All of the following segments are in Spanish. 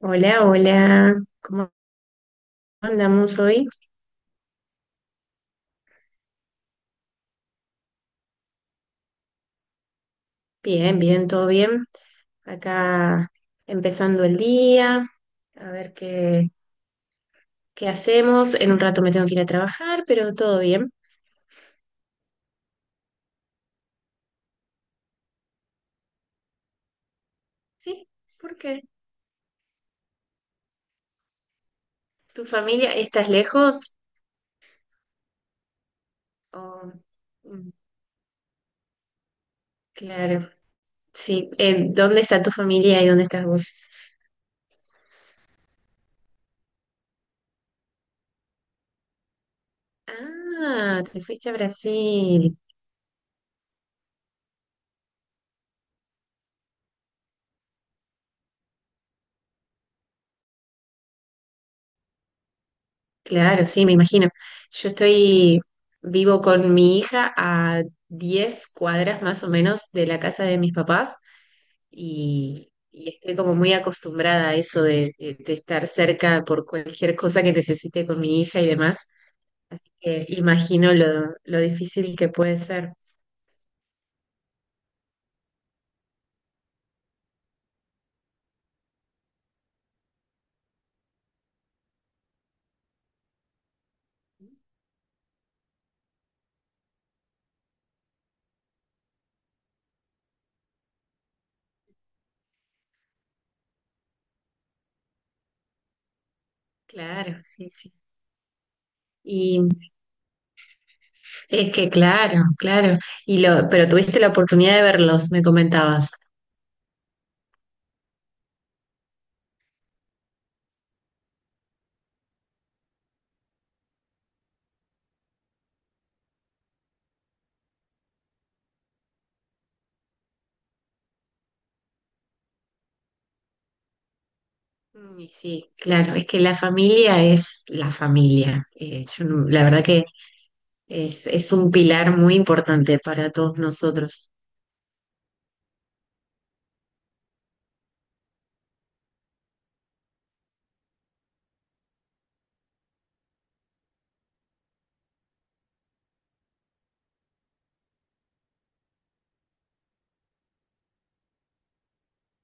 Hola, hola, ¿cómo andamos hoy? Bien, bien, todo bien. Acá empezando el día, a ver qué hacemos. En un rato me tengo que ir a trabajar, pero todo bien. ¿Sí? ¿Por qué? ¿Tu familia estás lejos? Oh, mm, claro, sí. ¿Dónde está tu familia y dónde estás vos? Ah, te fuiste a Brasil. Claro, sí, me imagino. Yo estoy vivo con mi hija a 10 cuadras más o menos de la casa de mis papás y estoy como muy acostumbrada a eso de estar cerca por cualquier cosa que necesite con mi hija y demás. Así que imagino lo difícil que puede ser. Claro, sí, sí. Y es que claro, claro. Pero tuviste la oportunidad de verlos, me comentabas. Mm, y sí, claro, es que la familia es la familia. Yo no- La verdad que es un pilar muy importante para todos nosotros.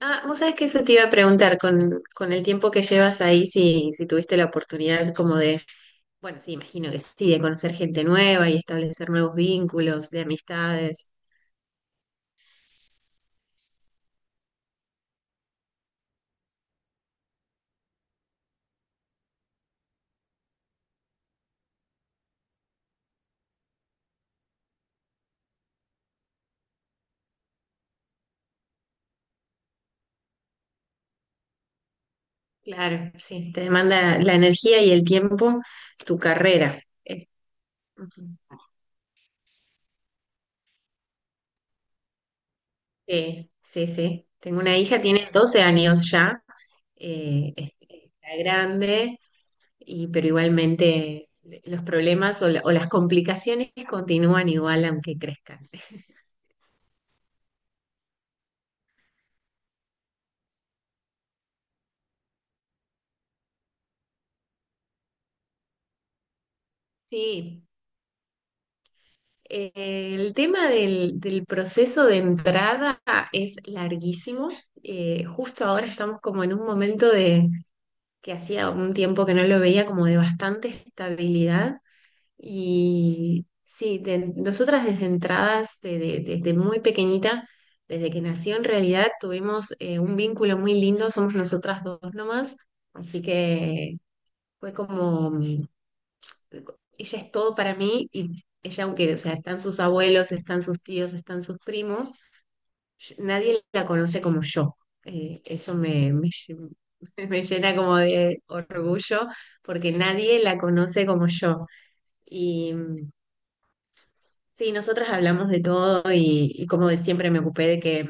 Ah, vos sabés que eso te iba a preguntar con el tiempo que llevas ahí, si tuviste la oportunidad como de, bueno, sí, imagino que sí, de conocer gente nueva y establecer nuevos vínculos, de amistades. Claro, sí, te demanda la energía y el tiempo, tu carrera. Ujú. Sí, sí, sí. Tengo una hija, tiene 12 años ya. Está grande, y, pero igualmente los problemas o las complicaciones continúan igual aunque crezcan. Sí, eh, el tema del proceso de entrada es larguísimo. Justo ahora estamos como en un momento de que hacía un tiempo que no lo veía como de bastante estabilidad. Y sí, nosotras desde entradas, desde muy pequeñita, desde que nació en realidad, tuvimos un vínculo muy lindo, somos nosotras dos nomás, así que fue como, ella es todo para mí y ella, aunque, o sea, están sus abuelos, están sus tíos, están sus primos, nadie la conoce como yo. Eso me, me lle- Me llena como de orgullo porque nadie la conoce como yo. Sí, nosotras hablamos de todo y como de siempre me ocupé de que,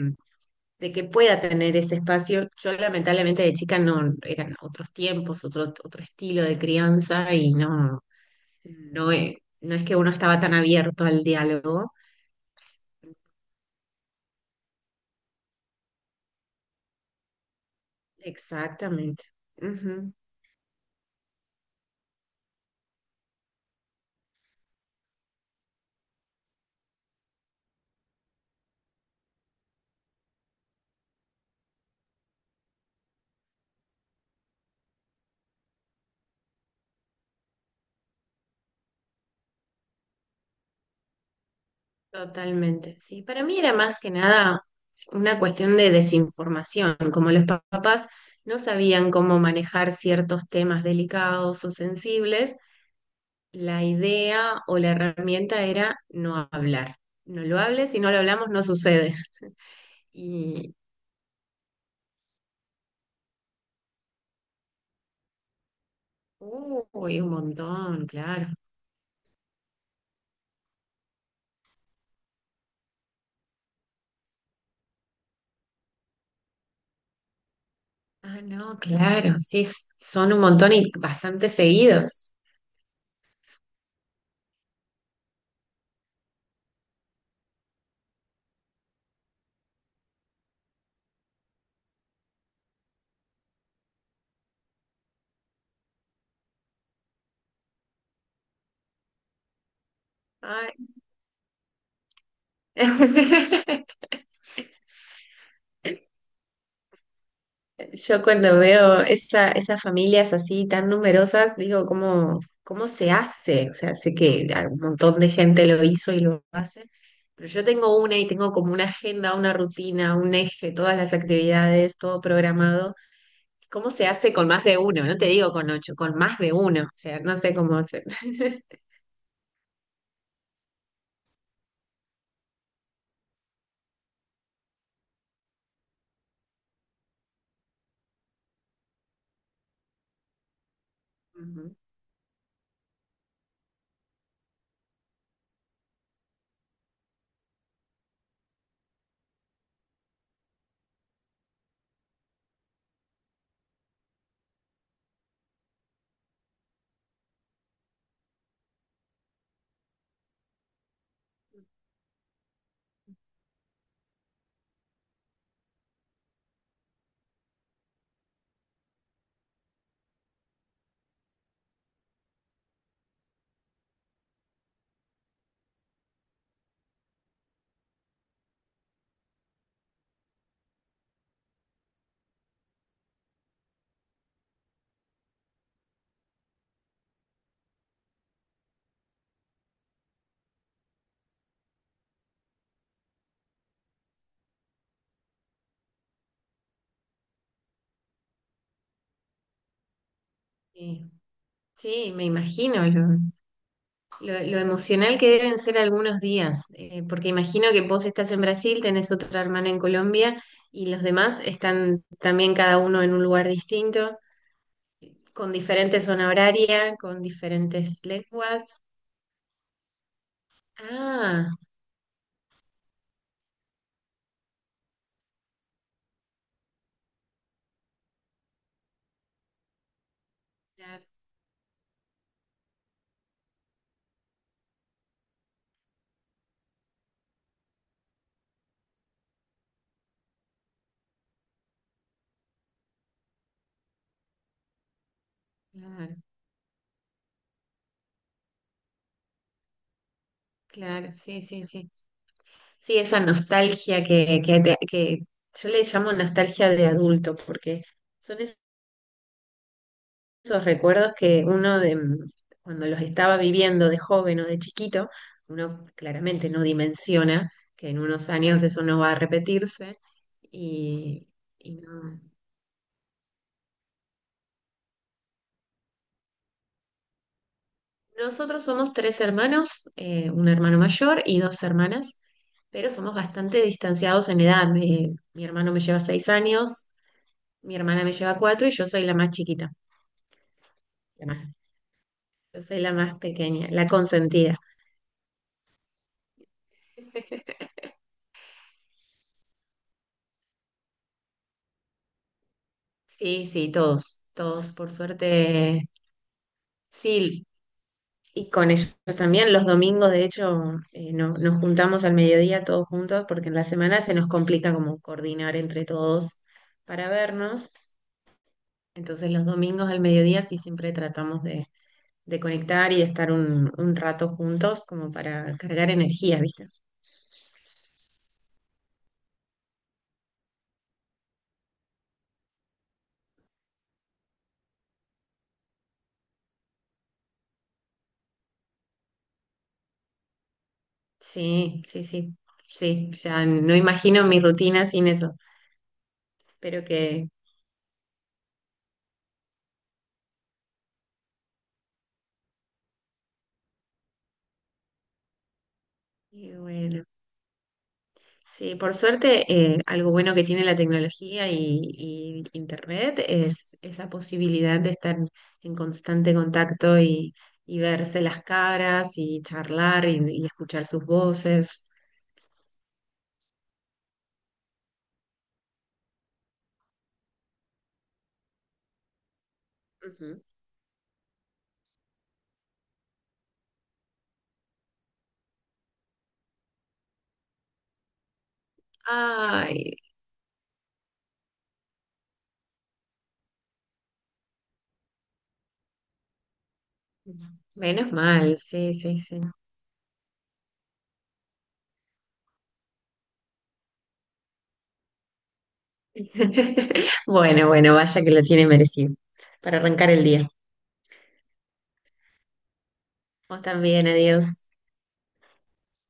de que pueda tener ese espacio. Yo lamentablemente de chica no, eran otros tiempos, otro estilo de crianza y no, no, no es que uno estaba tan abierto al diálogo. Exactamente. Ujú, totalmente. Sí, para mí era más que nada una cuestión de desinformación, como los papás no sabían cómo manejar ciertos temas delicados o sensibles. La idea o la herramienta era no hablar. No lo hables, si no lo hablamos no sucede. Y, uy, un montón, claro. Ah, no, claro, sí, son un montón y bastante seguidos. Ay. Yo cuando veo esas familias así tan numerosas, digo, ¿ cómo se hace? O sea, sé que un montón de gente lo hizo y lo hace, pero yo tengo una y tengo como una agenda, una rutina, un eje, todas las actividades, todo programado. ¿Cómo se hace con más de uno? No te digo con ocho, con más de uno. O sea, no sé cómo hacer. Ujú. Sí, sí, me imagino, ¿no? Lo emocional que deben ser algunos días, porque imagino que vos estás en Brasil, tenés otra hermana en Colombia y los demás están también cada uno en un lugar distinto, con diferente zona horaria, con diferentes lenguas. Ah, claro, claro, claro, sí, sí, sí. Sí, esa nostalgia que yo le llamo nostalgia de adulto, porque son esos recuerdos que uno de cuando los estaba viviendo de joven o de chiquito, uno claramente no dimensiona que en unos años eso no va a repetirse. Y, y no. Nosotros somos tres hermanos, un hermano mayor y dos hermanas, pero somos bastante distanciados en edad. Mi hermano me lleva 6 años, mi hermana me lleva cuatro y yo soy la más chiquita, la más- yo soy la más pequeña, la consentida. Sí, sí, todos, todos, por suerte. Sí, y con ellos también, los domingos, de hecho, nos juntamos al mediodía todos juntos porque en la semana se nos complica como coordinar entre todos para vernos. Entonces los domingos al mediodía sí siempre tratamos de conectar y de estar un rato juntos como para cargar energía, ¿viste? Sí, sí, sí, sí, ya no imagino mi rutina sin eso, pero y bueno. Sí, por suerte, algo bueno que tiene la tecnología y Internet es esa posibilidad de estar en constante contacto y verse las caras y charlar y escuchar sus voces. Ujú. Ay, menos mal, sí, sí, sí. Bueno, bueno, vaya que lo tiene merecido para arrancar el día. Vos también, adiós.